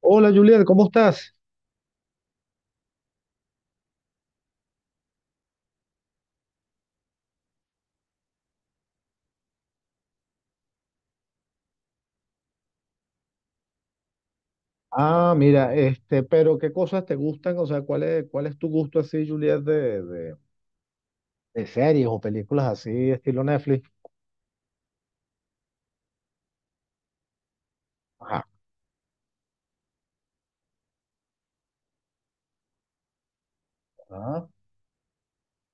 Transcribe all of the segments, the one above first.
Hola Juliet, ¿cómo estás? Ah, mira, pero ¿qué cosas te gustan? O sea, ¿cuál es tu gusto así, Juliet, de series o películas así, ¿estilo Netflix? Ajá. Ah,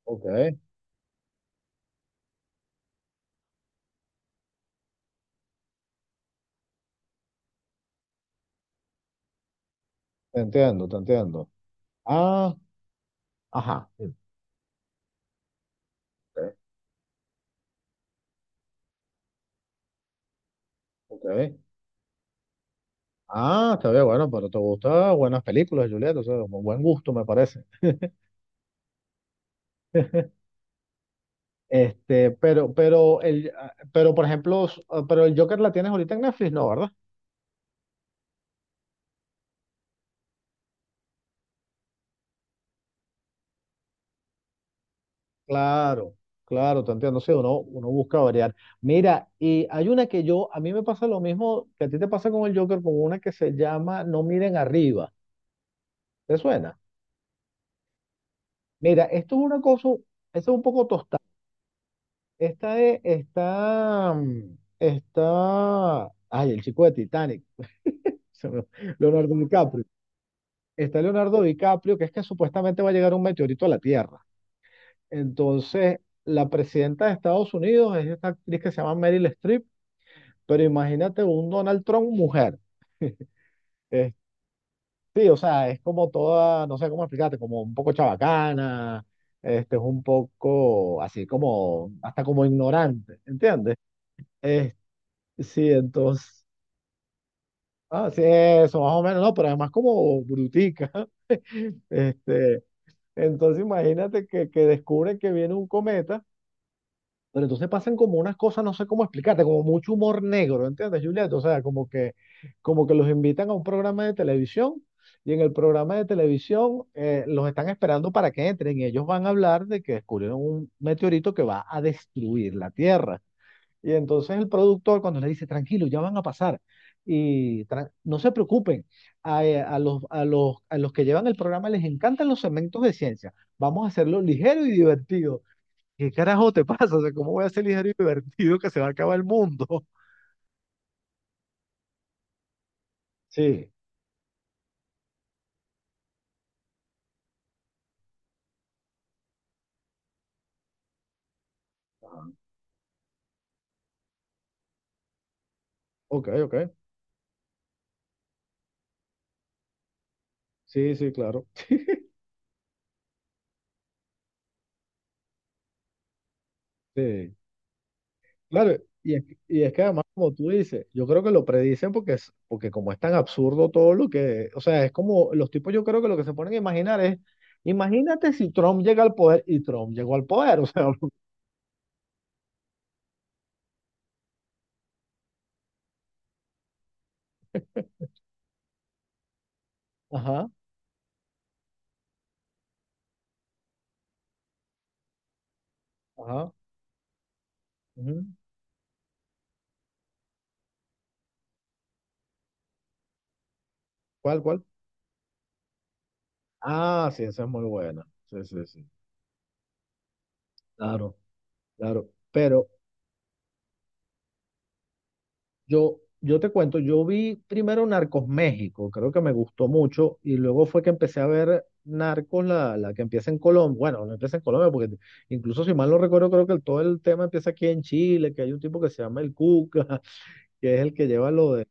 ok, te entiendo, te entiendo. Ah, ajá, sí, ok. Ok. Ah, está bien, bueno, pero te gustan buenas películas, Juliet, o sea, con buen gusto me parece. Pero, por ejemplo, pero el Joker la tienes ahorita en Netflix, ¿no, verdad? Claro, claro, te entiendo, sí, uno busca variar. Mira, y hay una que a mí me pasa lo mismo que a ti te pasa con el Joker, con una que se llama No miren arriba. ¿Te suena? Mira, esto es una cosa, esto es un poco tostada. Esta es, está, mm, está, Ay, el chico de Titanic, se me- Leonardo DiCaprio. Está Leonardo DiCaprio, que es que supuestamente va a llegar un meteorito a la Tierra. Entonces, la presidenta de Estados Unidos es esta actriz que se llama Meryl Streep. Pero imagínate un Donald Trump mujer. Eh, sí, o sea, es como toda, no sé cómo explicarte, como un poco chabacana, es un poco así como, hasta como ignorante, ¿entiendes? Eh, sí, entonces, ah, sí, eso, más o menos, no, pero además como brutica. Este, entonces imagínate que, descubren que viene un cometa. Pero entonces pasan como unas cosas, no sé cómo explicarte, como mucho humor negro, ¿entiendes, Juliet? O sea, como que los invitan a un programa de televisión y en el programa de televisión los están esperando para que entren y ellos van a hablar de que descubrieron un meteorito que va a destruir la Tierra. Y entonces el productor cuando le dice, tranquilo, ya van a pasar y no se preocupen, a los que llevan el programa les encantan los segmentos de ciencia, vamos a hacerlo ligero y divertido. ¿Qué carajo te pasa? O sea, ¿cómo voy a ser ligero y divertido que se va a acabar el mundo? Sí, ok, ok. Sí, sí, claro. Sí, claro. y es que además, como tú dices, yo creo que lo predicen porque es, porque como es tan absurdo todo lo que, o sea, es como los tipos, yo creo que lo que se ponen a imaginar es, imagínate si Trump llega al poder y Trump llegó al poder, o sea. Ajá, ajá, ujú. ¿Cuál? Ah, sí, esa es muy buena. Sí, sí, sí. Claro, claro. Pero, yo te cuento, yo vi primero Narcos México, creo que me gustó mucho, y luego fue que empecé a ver Narcos, la que empieza en Colombia. Bueno, no empieza en Colombia, porque incluso si mal no recuerdo, creo que todo el tema empieza aquí en Chile, que hay un tipo que se llama el Cuca, que es el que lleva lo de.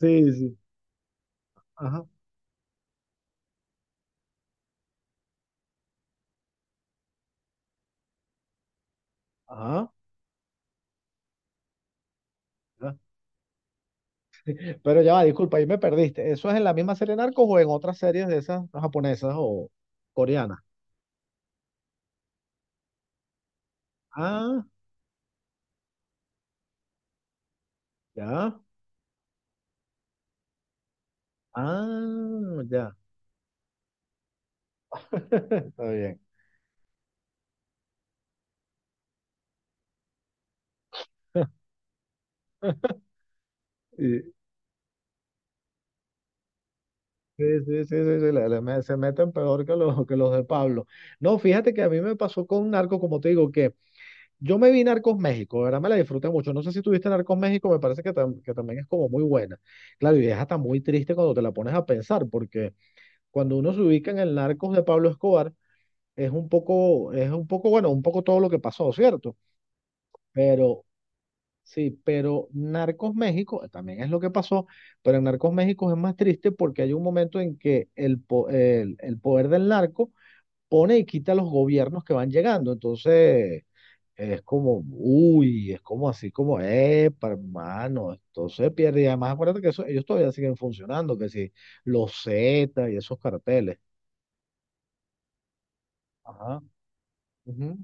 Sí, sí. Ajá, ajá. Ajá. Pero ya va, disculpa, ahí me perdiste. ¿Eso es en la misma serie Narcos o en otras series de esas japonesas o coreanas? Ah, ya. Ah, ya. Está bien. Y- Sí, sí, sí, sí, sí, se meten peor que los de Pablo. No, fíjate que a mí me pasó con Narcos, como te digo, que yo me vi Narcos México, de ¿verdad? Me la disfruté mucho. No sé si tuviste Narcos México, me parece que también es como muy buena. Claro, y es hasta muy triste cuando te la pones a pensar, porque cuando uno se ubica en el Narcos de Pablo Escobar, bueno, un poco todo lo que pasó, ¿cierto? Sí, pero Narcos México también es lo que pasó, pero en Narcos México es más triste porque hay un momento en que el poder del narco pone y quita a los gobiernos que van llegando. Entonces es como, uy, es como así como, hermano, esto se pierde. Y además acuérdate que eso, ellos todavía siguen funcionando, que sí, los Z y esos carteles. Ajá. Ujú,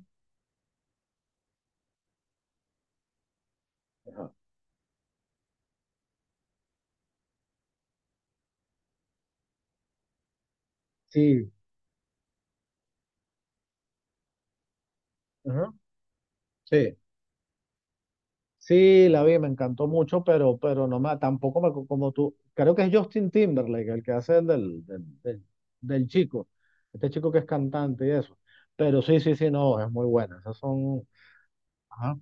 ajá. Sí. Ajá. Sí. Sí, la vi, me encantó mucho, pero, no me, tampoco me, co- como tú, creo que es Justin Timberlake el que hace el del chico, este chico que es cantante y eso. Pero sí, sí, sí, no, es muy buena. Esas son, ajá,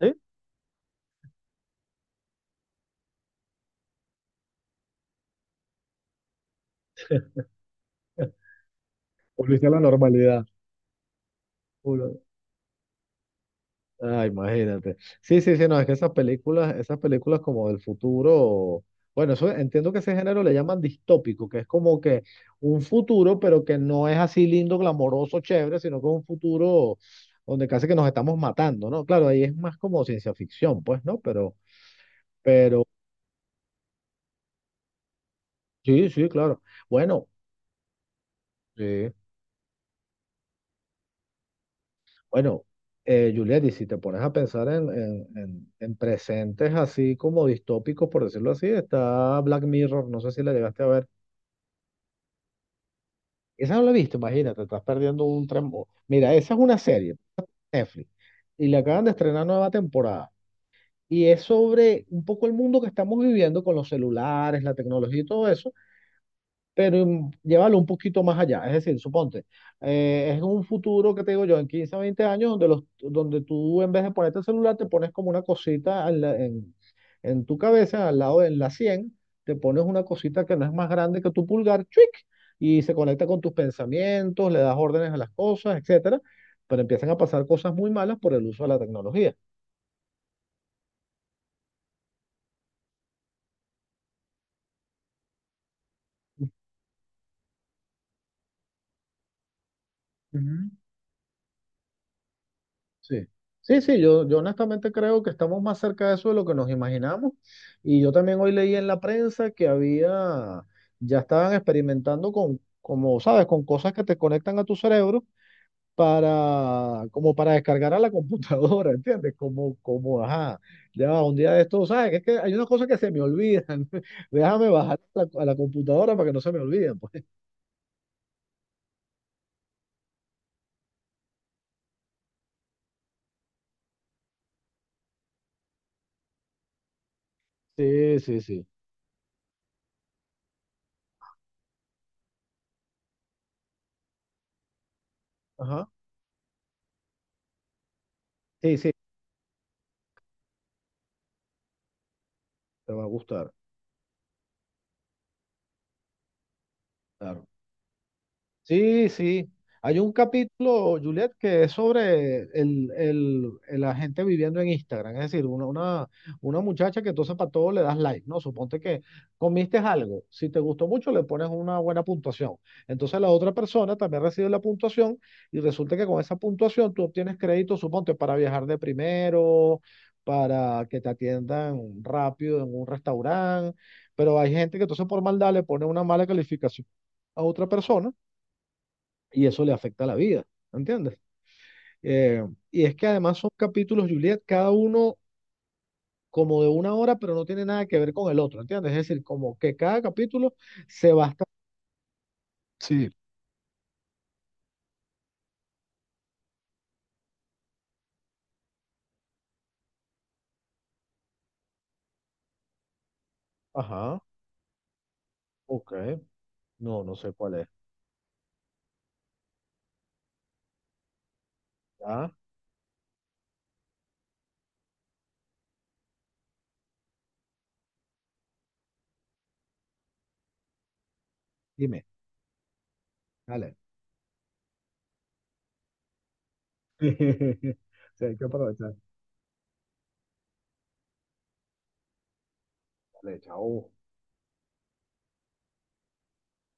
sí. Volviste a la normalidad. Ah, imagínate. Sí, sí, sí, no, es que esas películas, como del futuro, bueno, eso entiendo que ese género le llaman distópico, que es como que un futuro, pero que no es así lindo, glamoroso, chévere, sino que es un futuro donde casi que nos estamos matando, ¿no? Claro, ahí es más como ciencia ficción, pues, ¿no? Pero sí, sí, claro. Bueno, sí. Bueno, Juliet, y si te pones a pensar en presentes así como distópicos, por decirlo así, está Black Mirror, no sé si la llegaste a ver. Esa no la he visto, imagínate, estás perdiendo un tren. Mira, esa es una serie, Netflix, y le acaban de estrenar nueva temporada. Y es sobre un poco el mundo que estamos viviendo con los celulares, la tecnología y todo eso, pero llévalo un poquito más allá. Es decir, suponte, es un futuro que te digo yo, en quince a 20 años, donde, donde tú en vez de ponerte el celular, te pones como una cosita en, en tu cabeza, al lado de la 100, te pones una cosita que no es más grande que tu pulgar, ¡chuic! Y se conecta con tus pensamientos, le das órdenes a las cosas, etcétera, pero empiezan a pasar cosas muy malas por el uso de la tecnología. Ujú. Sí. Sí, sí, yo honestamente creo que estamos más cerca de eso de lo que nos imaginamos. Y yo también hoy leí en la prensa que había, ya estaban experimentando con, como sabes, con cosas que te conectan a tu cerebro para, como para descargar a la computadora, ¿entiendes? Como, ajá, ya va, un día de esto, ¿sabes? Es que hay unas cosas que se me olvidan. Déjame bajar a la computadora para que no se me olviden, pues. Sí, sí, sí. Ajá. Sí, sí, te va a gustar. Claro. Sí, sí. Hay un capítulo, Juliet, que es sobre el, la gente viviendo en Instagram. Es decir, una, una muchacha que entonces para todo le das like, ¿no? Suponte que comiste algo. Si te gustó mucho, le pones una buena puntuación. Entonces la otra persona también recibe la puntuación y resulta que con esa puntuación tú obtienes crédito, suponte, para viajar de primero, para que te atiendan rápido en un restaurante. Pero hay gente que entonces por maldad le pone una mala calificación a otra persona y eso le afecta la vida, ¿entiendes? Y es que además son capítulos, Juliet, cada uno como de una hora, pero no tiene nada que ver con el otro, ¿entiendes? Es decir, como que cada capítulo se basta. Sí. Ajá, ok. No, no sé cuál es. Ah, dime, dale. O sea, hay que aprovechar. Dale, chao.